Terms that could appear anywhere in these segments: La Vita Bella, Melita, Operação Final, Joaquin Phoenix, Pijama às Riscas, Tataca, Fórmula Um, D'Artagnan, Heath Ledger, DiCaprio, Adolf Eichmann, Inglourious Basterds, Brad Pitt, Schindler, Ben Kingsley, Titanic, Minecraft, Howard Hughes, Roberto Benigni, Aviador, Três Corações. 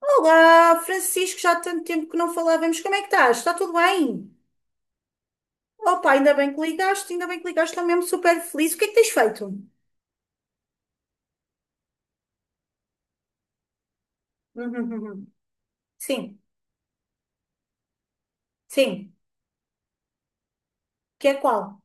Olá, Francisco, já há tanto tempo que não falávamos. Como é que estás? Está tudo bem? Opa, ainda bem que ligaste, estou mesmo super feliz. O que é que tens feito? Uhum. Sim, sim, que é qual?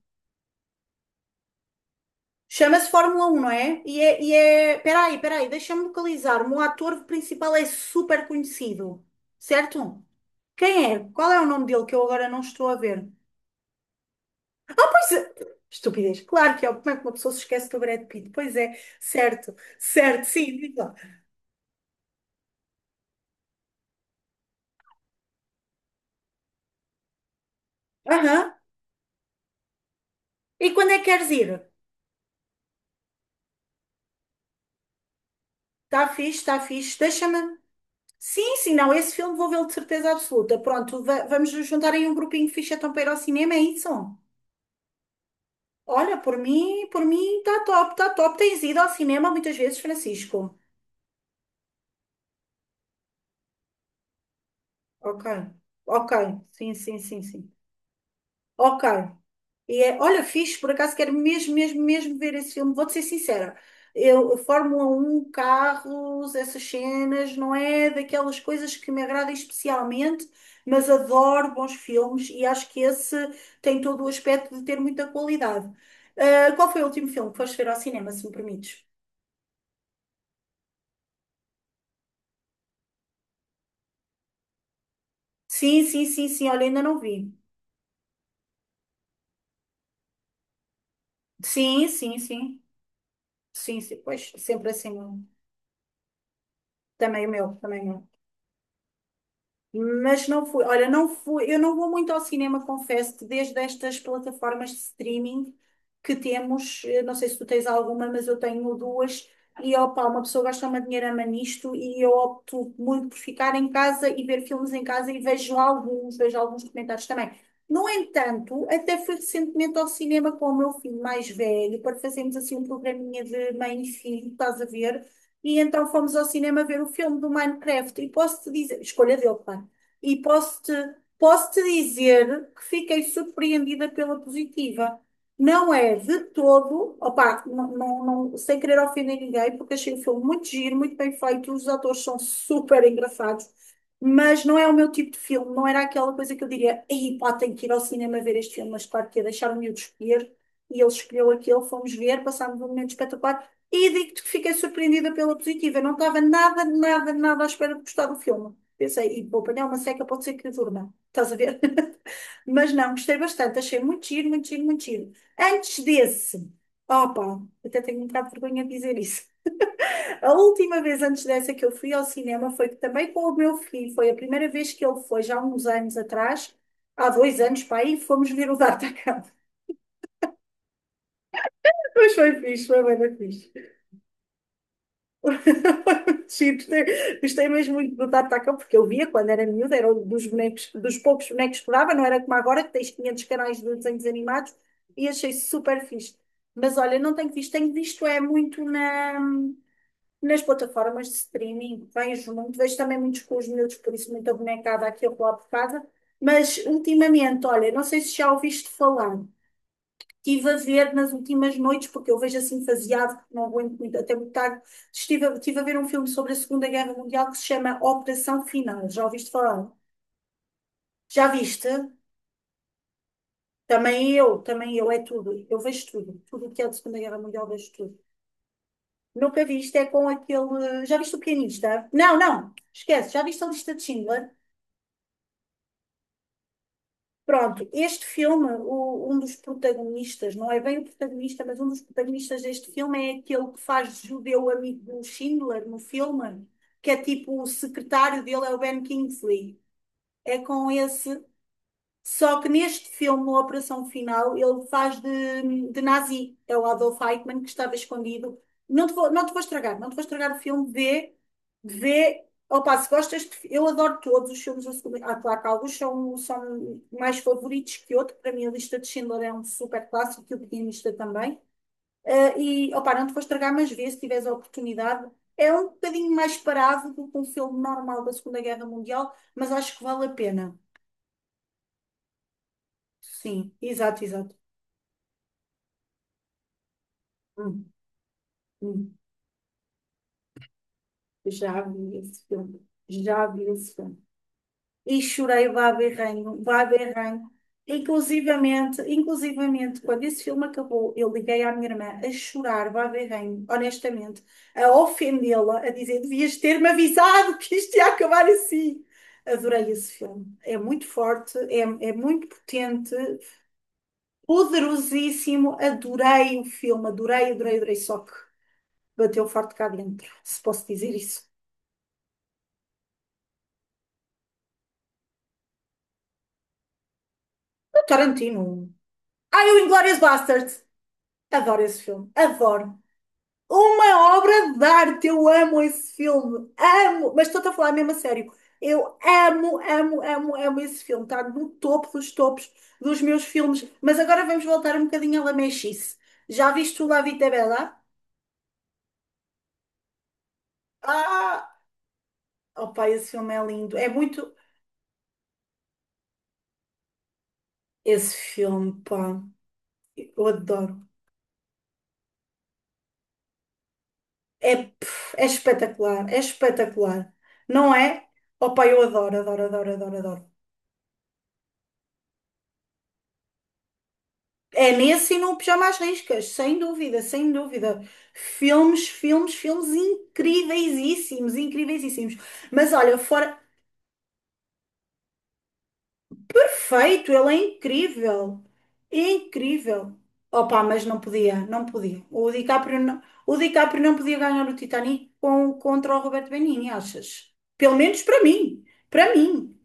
Chama-se Fórmula 1, não é? E é... Peraí, peraí, deixa-me localizar. O ator principal é super conhecido, certo? Quem é? Qual é o nome dele que eu agora não estou a ver? Pois é. Estupidez. Claro que é. Como é que uma pessoa se esquece do Brad Pitt? Pois é, certo, certo, sim, diz lá. Aham. E quando é que queres ir? Está fixe, está fixe. Deixa-me. Sim, sim, não, esse filme vou vê-lo de certeza absoluta. Pronto, vamos nos juntar aí um grupinho fixe então para ir ao cinema, é isso? Olha, por mim está top, está top. Tens ido ao cinema muitas vezes, Francisco? Ok, ok, sim, sim, sim, sim. Ok. E é, olha, fixe, por acaso quero mesmo, mesmo, mesmo ver esse filme. Vou-te ser sincera. Eu, Fórmula 1, carros, essas cenas, não é daquelas coisas que me agradam especialmente, mas adoro bons filmes e acho que esse tem todo o aspecto de ter muita qualidade. Ah, qual foi o último filme que foste ver ao cinema, se me permites? Sim, sim, sim, sim, olha, ainda não vi. Sim, sim, sim. Sim, sim, pois, sempre assim, também o meu, também o meu. Mas não fui, olha, não fui, eu não vou muito ao cinema, confesso-te, desde estas plataformas de streaming que temos, não sei se tu tens alguma, mas eu tenho duas, e opa, uma pessoa gasta uma dinheirama nisto e eu opto muito por ficar em casa e ver filmes em casa e vejo alguns comentários também. No entanto, até fui recentemente ao cinema com o meu filho mais velho para fazermos assim um programinha de mãe e filho, estás a ver? E então fomos ao cinema ver o filme do Minecraft. E posso-te dizer, escolha dele, claro. E posso-te dizer que fiquei surpreendida pela positiva. Não é de todo, opá, sem querer ofender ninguém, porque achei o filme muito giro, muito bem feito, os atores são super engraçados, mas não é o meu tipo de filme, não era aquela coisa que eu diria, ei pá, tenho que ir ao cinema ver este filme, mas claro que ia deixar-me eu escolher, e ele escolheu aquele, fomos ver, passámos um momento espetacular, e digo-te que fiquei surpreendida pela positiva, eu não estava nada, nada, nada à espera de gostar do filme. Pensei, e vou apanhar uma seca, pode ser que durma. Estás a ver? Mas não, gostei bastante. Achei muito giro, muito giro, muito giro. Antes desse, opa, até tenho um bocado de vergonha de dizer isso. A última vez antes dessa que eu fui ao cinema foi que também com o meu filho. Foi a primeira vez que ele foi, já há uns anos atrás, há 2 anos, para aí, fomos ver o D'Artagnan. Mas foi fixe, foi bem fixe. Sim, gostei, gostei mesmo muito do Tataca, porque eu via quando era miúda, era um dos bonecos, dos poucos bonecos que dava, não era como agora, que tens 500 canais de desenhos animados, e achei super fixe. Mas olha, não tenho visto, nas plataformas de streaming, vejo muito, vejo também muitos com os miúdos, por isso muita bonecada aqui ou lá por casa, mas ultimamente, olha, não sei se já ouviste falar, estive a ver nas últimas noites, porque eu vejo assim faseado, porque não aguento muito, até muito tarde. Estive a ver um filme sobre a Segunda Guerra Mundial que se chama Operação Final. Já ouviste falar? Já viste? Também eu, é tudo. Eu vejo tudo. Tudo o que é da Segunda Guerra Mundial, vejo tudo. Nunca viste, é com aquele. Já viste o pianista? Não, não, esquece. Já viste a lista de Schindler? Pronto, este filme, um dos protagonistas, não é bem o protagonista, mas um dos protagonistas deste filme é aquele que faz de judeu amigo do Schindler no filme, que é tipo o secretário dele, é o Ben Kingsley. É com esse só que neste filme, na Operação Final, ele faz de nazi. É o Adolf Eichmann que estava escondido. Não te vou, não te vou estragar, não te vou estragar o filme. Vê, vê. Opa, se gostas, eu adoro todos os filmes da Segunda. Ah, claro que alguns são, são mais favoritos que outros. Para mim, a lista de Schindler é um super clássico e o Pianista também. Ah, e, opa, não te vou estragar, mas vê se tiveres a oportunidade. É um bocadinho mais parado do que um filme normal da Segunda Guerra Mundial, mas acho que vale a pena. Sim, exato, exato. Hum, hum, já vi esse filme. Já vi esse filme. E chorei vá berrenho, vá berrenho. Inclusivamente, inclusivamente, quando esse filme acabou, eu liguei à minha irmã a chorar, vá berrenho, honestamente, a ofendê-la, a dizer, devias ter-me avisado que isto ia acabar assim. Adorei esse filme. É muito forte, é muito potente, poderosíssimo. Adorei o filme, adorei, adorei, adorei. Só que bateu forte cá dentro, se posso dizer isso. Tarantino. Ai, o Inglourious Basterds. Adoro esse filme. Adoro. Uma obra de arte. Eu amo esse filme. Amo. Mas estou-te a falar mesmo a sério. Eu amo, amo, amo, amo esse filme. Está no topo dos topos dos meus filmes. Mas agora vamos voltar um bocadinho à lamechice. Já viste o La Vita Bella? Ah! Oh, pá, esse filme é lindo. É muito... Esse filme, pá. Eu adoro. É, pff, é espetacular, é espetacular. Não é? Opa, eu adoro, adoro, adoro, adoro, adoro. É nesse e no Pijama às Riscas, sem dúvida, sem dúvida. Filmes, filmes, filmes incríveisíssimos, incríveisíssimos. Mas olha, fora, perfeito, ele é incrível. Incrível. Opa, mas não podia, não podia. O DiCaprio não podia ganhar o Titanic com, contra o Roberto Benigni, achas? Pelo menos para mim, para mim.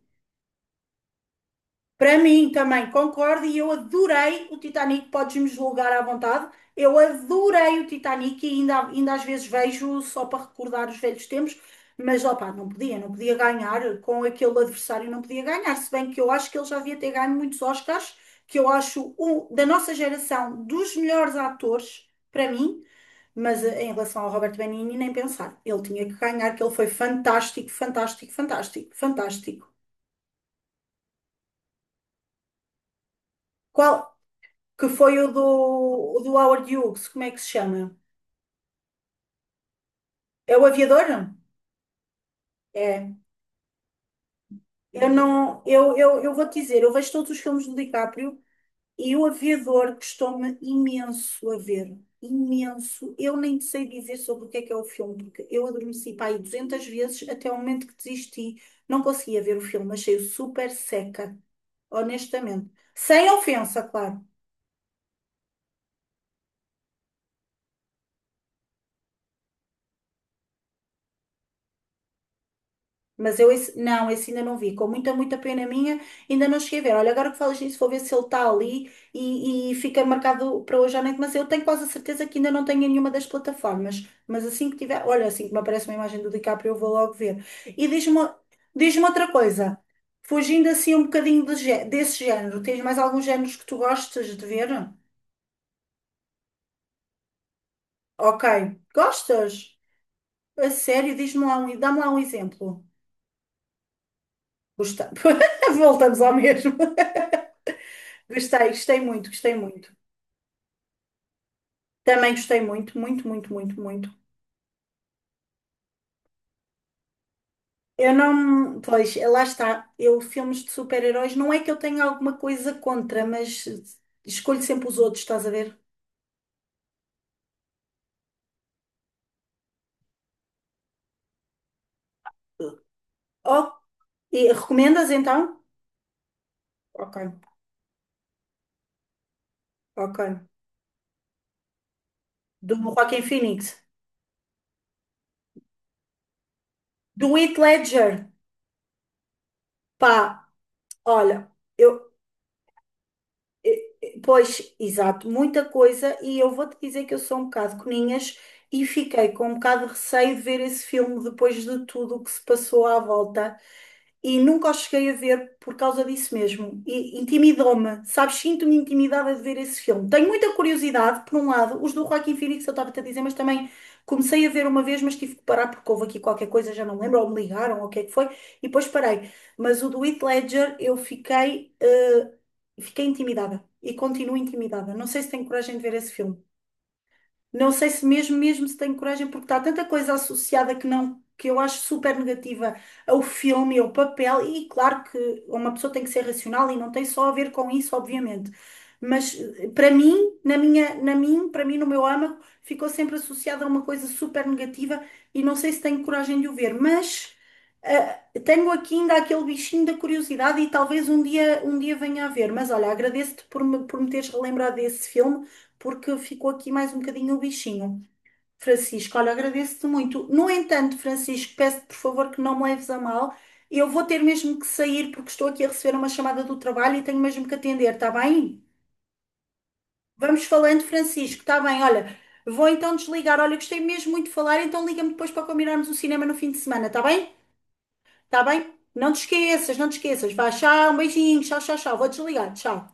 Para mim também, concordo, e eu adorei o Titanic, podes-me julgar à vontade. Eu adorei o Titanic e ainda, ainda às vezes vejo só para recordar os velhos tempos, mas opá, não podia, não podia ganhar com aquele adversário, não podia ganhar, se bem que eu acho que ele já devia ter ganho muitos Oscars, que eu acho um da nossa geração dos melhores atores, para mim, mas em relação ao Robert Benigni, nem pensar. Ele tinha que ganhar, que ele foi fantástico, fantástico, fantástico, fantástico. Qual? Que foi o do Howard Hughes, como é que se chama? É o Aviador? É. Eu não, eu vou-te dizer, eu vejo todos os filmes do DiCaprio e o Aviador custou-me imenso a ver. Imenso. Eu nem te sei dizer sobre o que é o filme, porque eu adormeci para aí 200 vezes até o momento que desisti. Não conseguia ver o filme, achei-o super seca, honestamente. Sem ofensa, claro. Mas eu esse, não, esse ainda não vi. Com muita, muita pena minha, ainda não cheguei a ver. Olha, agora que falas nisso, vou ver se ele está ali e fica marcado para hoje à noite. Mas eu tenho quase a certeza que ainda não tenho em nenhuma das plataformas. Mas assim que tiver, olha, assim que me aparece uma imagem do DiCaprio, eu vou logo ver. E diz-me, diz-me outra coisa. Fugindo assim um bocadinho desse género, tens mais alguns géneros que tu gostas de ver? Ok. Gostas? A sério, diz-me lá um, dá-me lá um exemplo. Gosta- Voltamos ao mesmo. Gostei, gostei muito, gostei muito. Também gostei muito, muito, muito, muito, muito. Eu não. Pois, lá está. Eu, filmes de super-heróis, não é que eu tenha alguma coisa contra, mas escolho sempre os outros, estás a ver? Oh, e recomendas então? Ok, ok. Do Joaquin Phoenix. Do Heath Ledger. Pá, olha, eu, pois, exato, muita coisa, e eu vou-te dizer que eu sou um bocado coninhas e fiquei com um bocado de receio de ver esse filme depois de tudo o que se passou à volta e nunca os cheguei a ver por causa disso mesmo. E intimidou-me, sabes? Sinto-me intimidada de ver esse filme. Tenho muita curiosidade, por um lado, os do Joaquin Phoenix, eu estava-te a dizer, mas também comecei a ver uma vez, mas tive que parar porque houve aqui qualquer coisa, já não lembro, ou me ligaram, ou o que é que foi, e depois parei. Mas o do Heath Ledger, eu fiquei, fiquei intimidada e continuo intimidada. Não sei se tenho coragem de ver esse filme. Não sei se mesmo, mesmo se tenho coragem, porque está tanta coisa associada que não, que eu acho super negativa ao filme, ao papel, e claro que uma pessoa tem que ser racional e não tem só a ver com isso, obviamente. Mas para mim, na minha, na mim, para mim, no meu âmago, ficou sempre associada a uma coisa super negativa e não sei se tenho coragem de o ver, mas tenho aqui ainda aquele bichinho da curiosidade e talvez um dia venha a ver. Mas olha, por me teres relembrado desse filme porque ficou aqui mais um bocadinho o bichinho. Francisco, olha, agradeço-te muito. No entanto, Francisco, peço-te por favor que não me leves a mal. Eu vou ter mesmo que sair porque estou aqui a receber uma chamada do trabalho e tenho mesmo que atender, está bem? Vamos falando, Francisco, está bem? Olha, vou então desligar. Olha, gostei mesmo muito de falar, então liga-me depois para combinarmos o cinema no fim de semana, está bem? Está bem? Não te esqueças, não te esqueças. Vá, tchau, um beijinho, tchau, tchau, tchau. Vou desligar, tchau.